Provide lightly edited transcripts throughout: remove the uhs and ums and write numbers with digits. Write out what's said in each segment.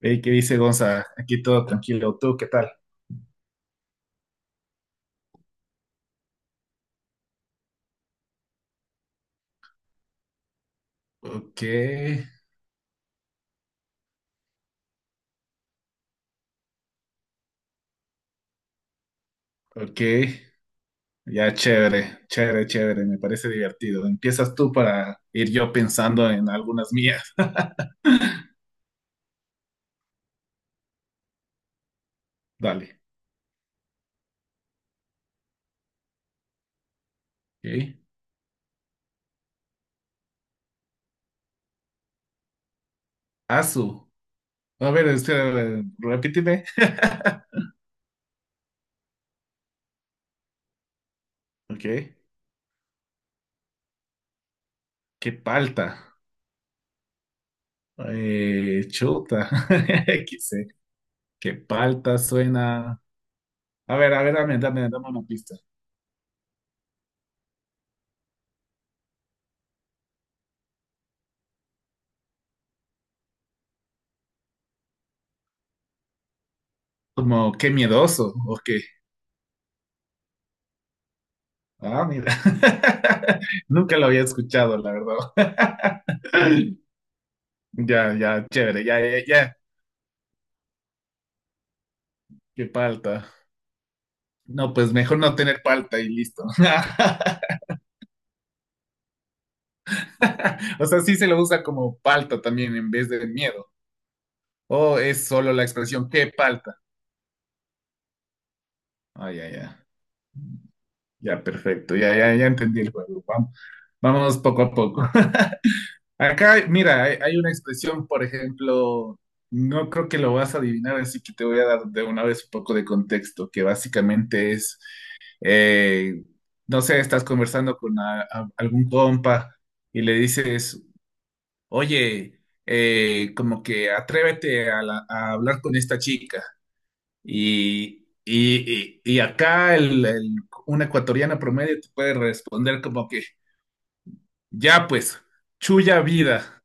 Ey, ¿qué dice Gonza? Aquí todo tranquilo. ¿Tú qué tal? Ok, ok. Ya chévere, chévere, chévere. Me parece divertido. Empiezas tú para ir yo pensando en algunas mías. Dale. Ok. Azu. A ver, espera, repíteme. Ok. ¿Qué palta? Chuta. ¿Qué sé? ¿Qué palta suena? A ver, dame, dame, dame una pista. Como qué miedoso, ok. Ah, mira. Nunca lo había escuchado, la verdad. Ya, ya, chévere, ya, ya, ya. Qué palta. No, pues mejor no tener palta y listo. O sea, sí se lo usa como palta también en vez de miedo. O es solo la expresión qué palta. Ah, ya, ya. Ya, perfecto. Ya, ya, ya entendí el juego. Vamos, vamos poco a poco. Acá, mira, hay una expresión, por ejemplo, no creo que lo vas a adivinar, así que te voy a dar de una vez un poco de contexto, que básicamente es, eh, no sé, estás conversando con algún compa y le dices, oye, como que atrévete a, a hablar con esta chica. Y acá un ecuatoriano promedio te puede responder como que, ya pues, chulla vida.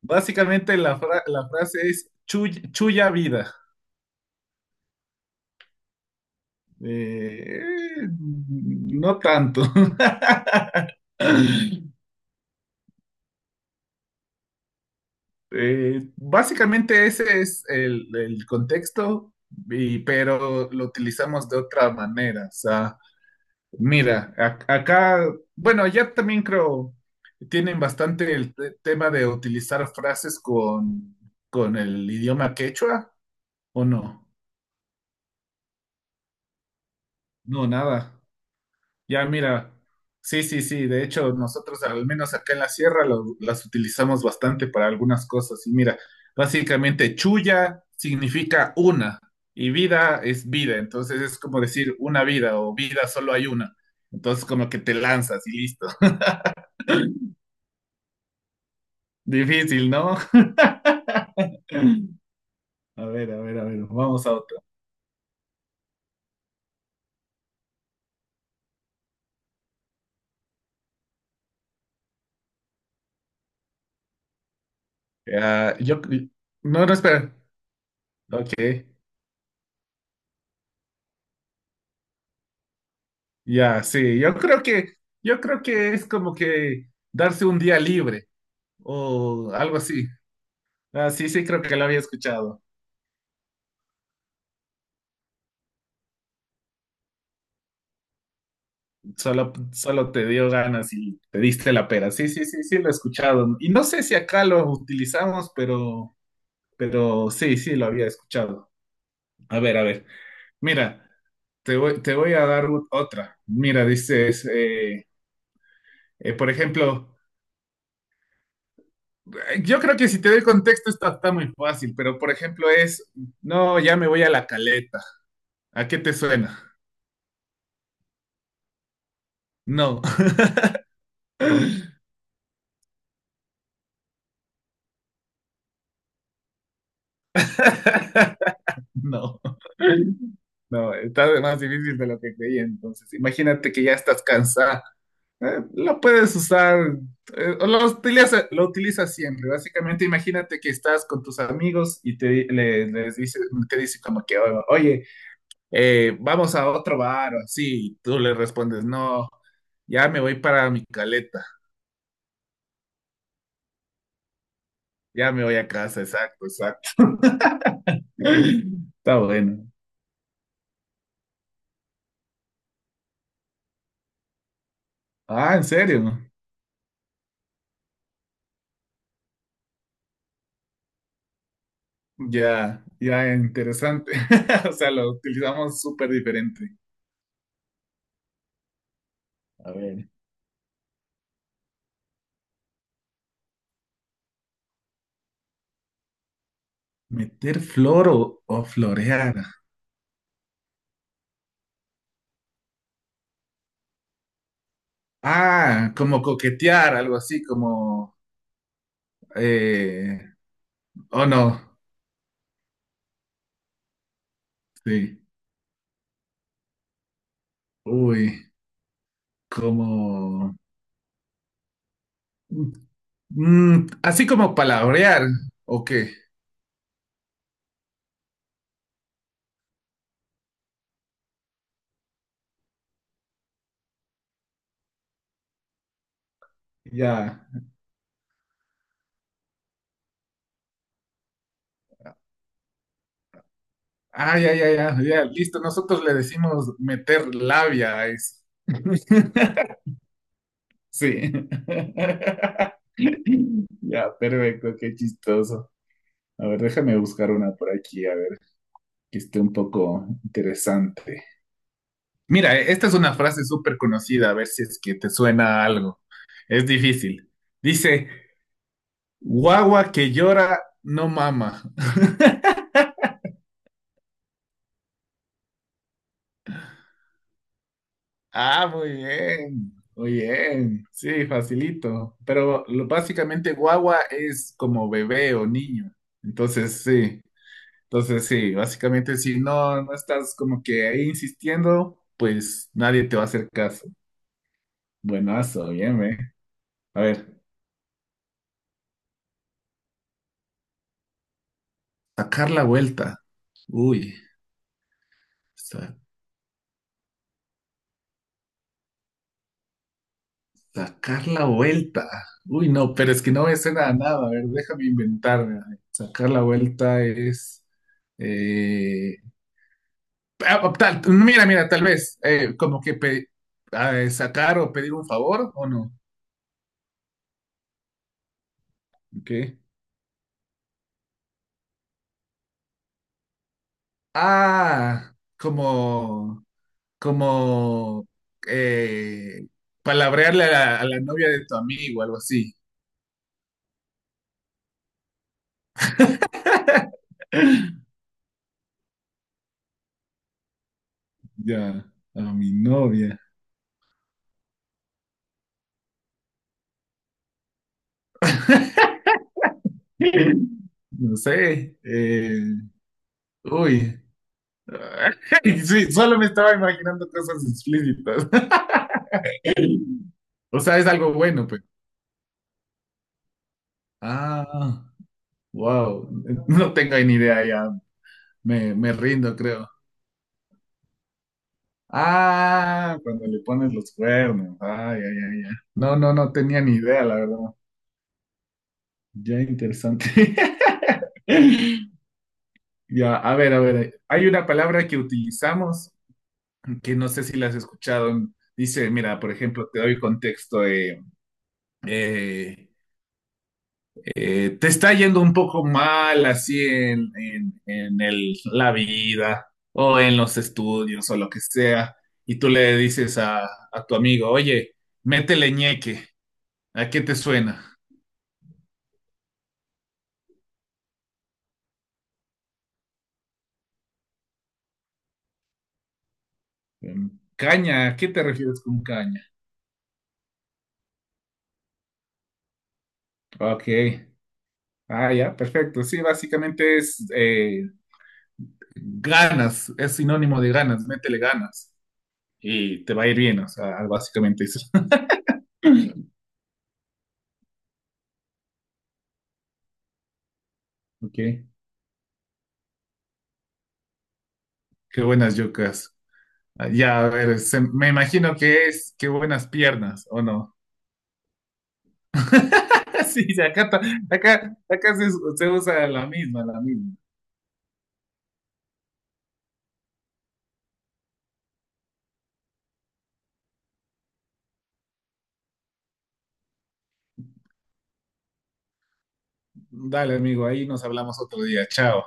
Básicamente la, la frase es Chuya vida". Eh, no tanto. Básicamente ese es el contexto, pero lo utilizamos de otra manera. O sea, mira, acá, bueno, ya también creo, tienen bastante el tema de utilizar frases con el idioma quechua, ¿o no? No, nada. Ya, mira, sí, sí, sí, de hecho nosotros al menos acá en la sierra las utilizamos bastante para algunas cosas y mira, básicamente chulla significa una y vida es vida, entonces es como decir una vida o vida solo hay una, entonces como que te lanzas y listo. Difícil, ¿no? A ver, a ver, a ver, vamos a otro. Ah, yo, no, no, espera. Ok, ya, sí, yo creo que es como que darse un día libre o algo así. Ah, sí, sí, creo que lo había escuchado. Solo, solo te dio ganas y te diste la pera. Sí, sí, sí, sí, lo he escuchado. Y no sé si acá lo utilizamos, pero sí, sí, lo había escuchado. A ver, a ver. Mira, te voy a dar otra. Mira, dices, por ejemplo, yo creo que si te doy contexto está, está muy fácil, pero por ejemplo es, no, ya me voy a la caleta. ¿A qué te suena? No, no. No, está de más difícil de lo que creía. Entonces, imagínate que ya estás cansada. Lo puedes usar, o lo utilizas siempre. Básicamente, imagínate que estás con tus amigos y te, les dice, te dice como que, "Oh, oye, vamos a otro bar o así". Y tú le respondes, no, ya me voy para mi caleta, ya me voy a casa, exacto, exacto. Está bueno. Ah, ¿en serio? Ya, ya interesante. O sea, lo utilizamos súper diferente. A ver. Meter flor o florear. Ah, como coquetear, algo así, como... Eh, oh, no, sí. Uy, como... mm, así como palabrear, ¿o qué? Ya. Ah, ya, ya, ya, ya, listo. Nosotros le decimos meter labia a eso. Sí. Ya, perfecto, qué chistoso. A ver, déjame buscar una por aquí, a ver, que esté un poco interesante. Mira, e, esta es una frase súper conocida, a ver si es que te suena a algo. Es difícil. Dice, guagua que llora no mama. Ah, muy bien, muy bien. Sí, facilito. Pero lo, básicamente guagua es como bebé o niño. Entonces, sí. Entonces, sí, básicamente si no, no estás como que ahí insistiendo, pues nadie te va a hacer caso. Buenazo, bien, ¿eh? A ver. Sacar la vuelta. Uy, sa- sacar la vuelta. Uy, no, pero es que no me suena a nada. A ver, déjame inventarme. A ver, sacar la vuelta es... eh, mira, mira, tal vez, como que sacar o pedir un favor o no. ¿Qué? Ah, como... como... eh, palabrearle a la novia de tu amigo, algo así. Ya, a mi novia. No sé. Uy. Sí, solo me estaba imaginando cosas explícitas. O sea, es algo bueno, pues. Ah, wow. No tengo ni idea ya. Me rindo, creo. Ah, cuando le pones los cuernos. Ay, ay, ay, ay. No, no, no tenía ni idea, la verdad. Ya interesante. Ya, a ver, a ver. Hay una palabra que utilizamos que no sé si la has escuchado. Dice, mira, por ejemplo, te doy contexto. Eh, Te está yendo un poco mal así en, en la vida o en los estudios o lo que sea, y tú le dices a tu amigo, oye, métele ñeque, ¿a qué te suena? Mm, caña, ¿a qué te refieres con caña? Ok, ah, ya, perfecto. Sí, básicamente es ganas, es sinónimo de ganas, métele ganas y te va a ir bien, o sea, básicamente eso. Ok, qué buenas yucas. Ah, ya, a ver, me imagino que es qué buenas piernas, ¿o no? Sí, sí, acá, acá, se usa la misma, la misma. Dale, amigo, ahí nos hablamos otro día. Chao.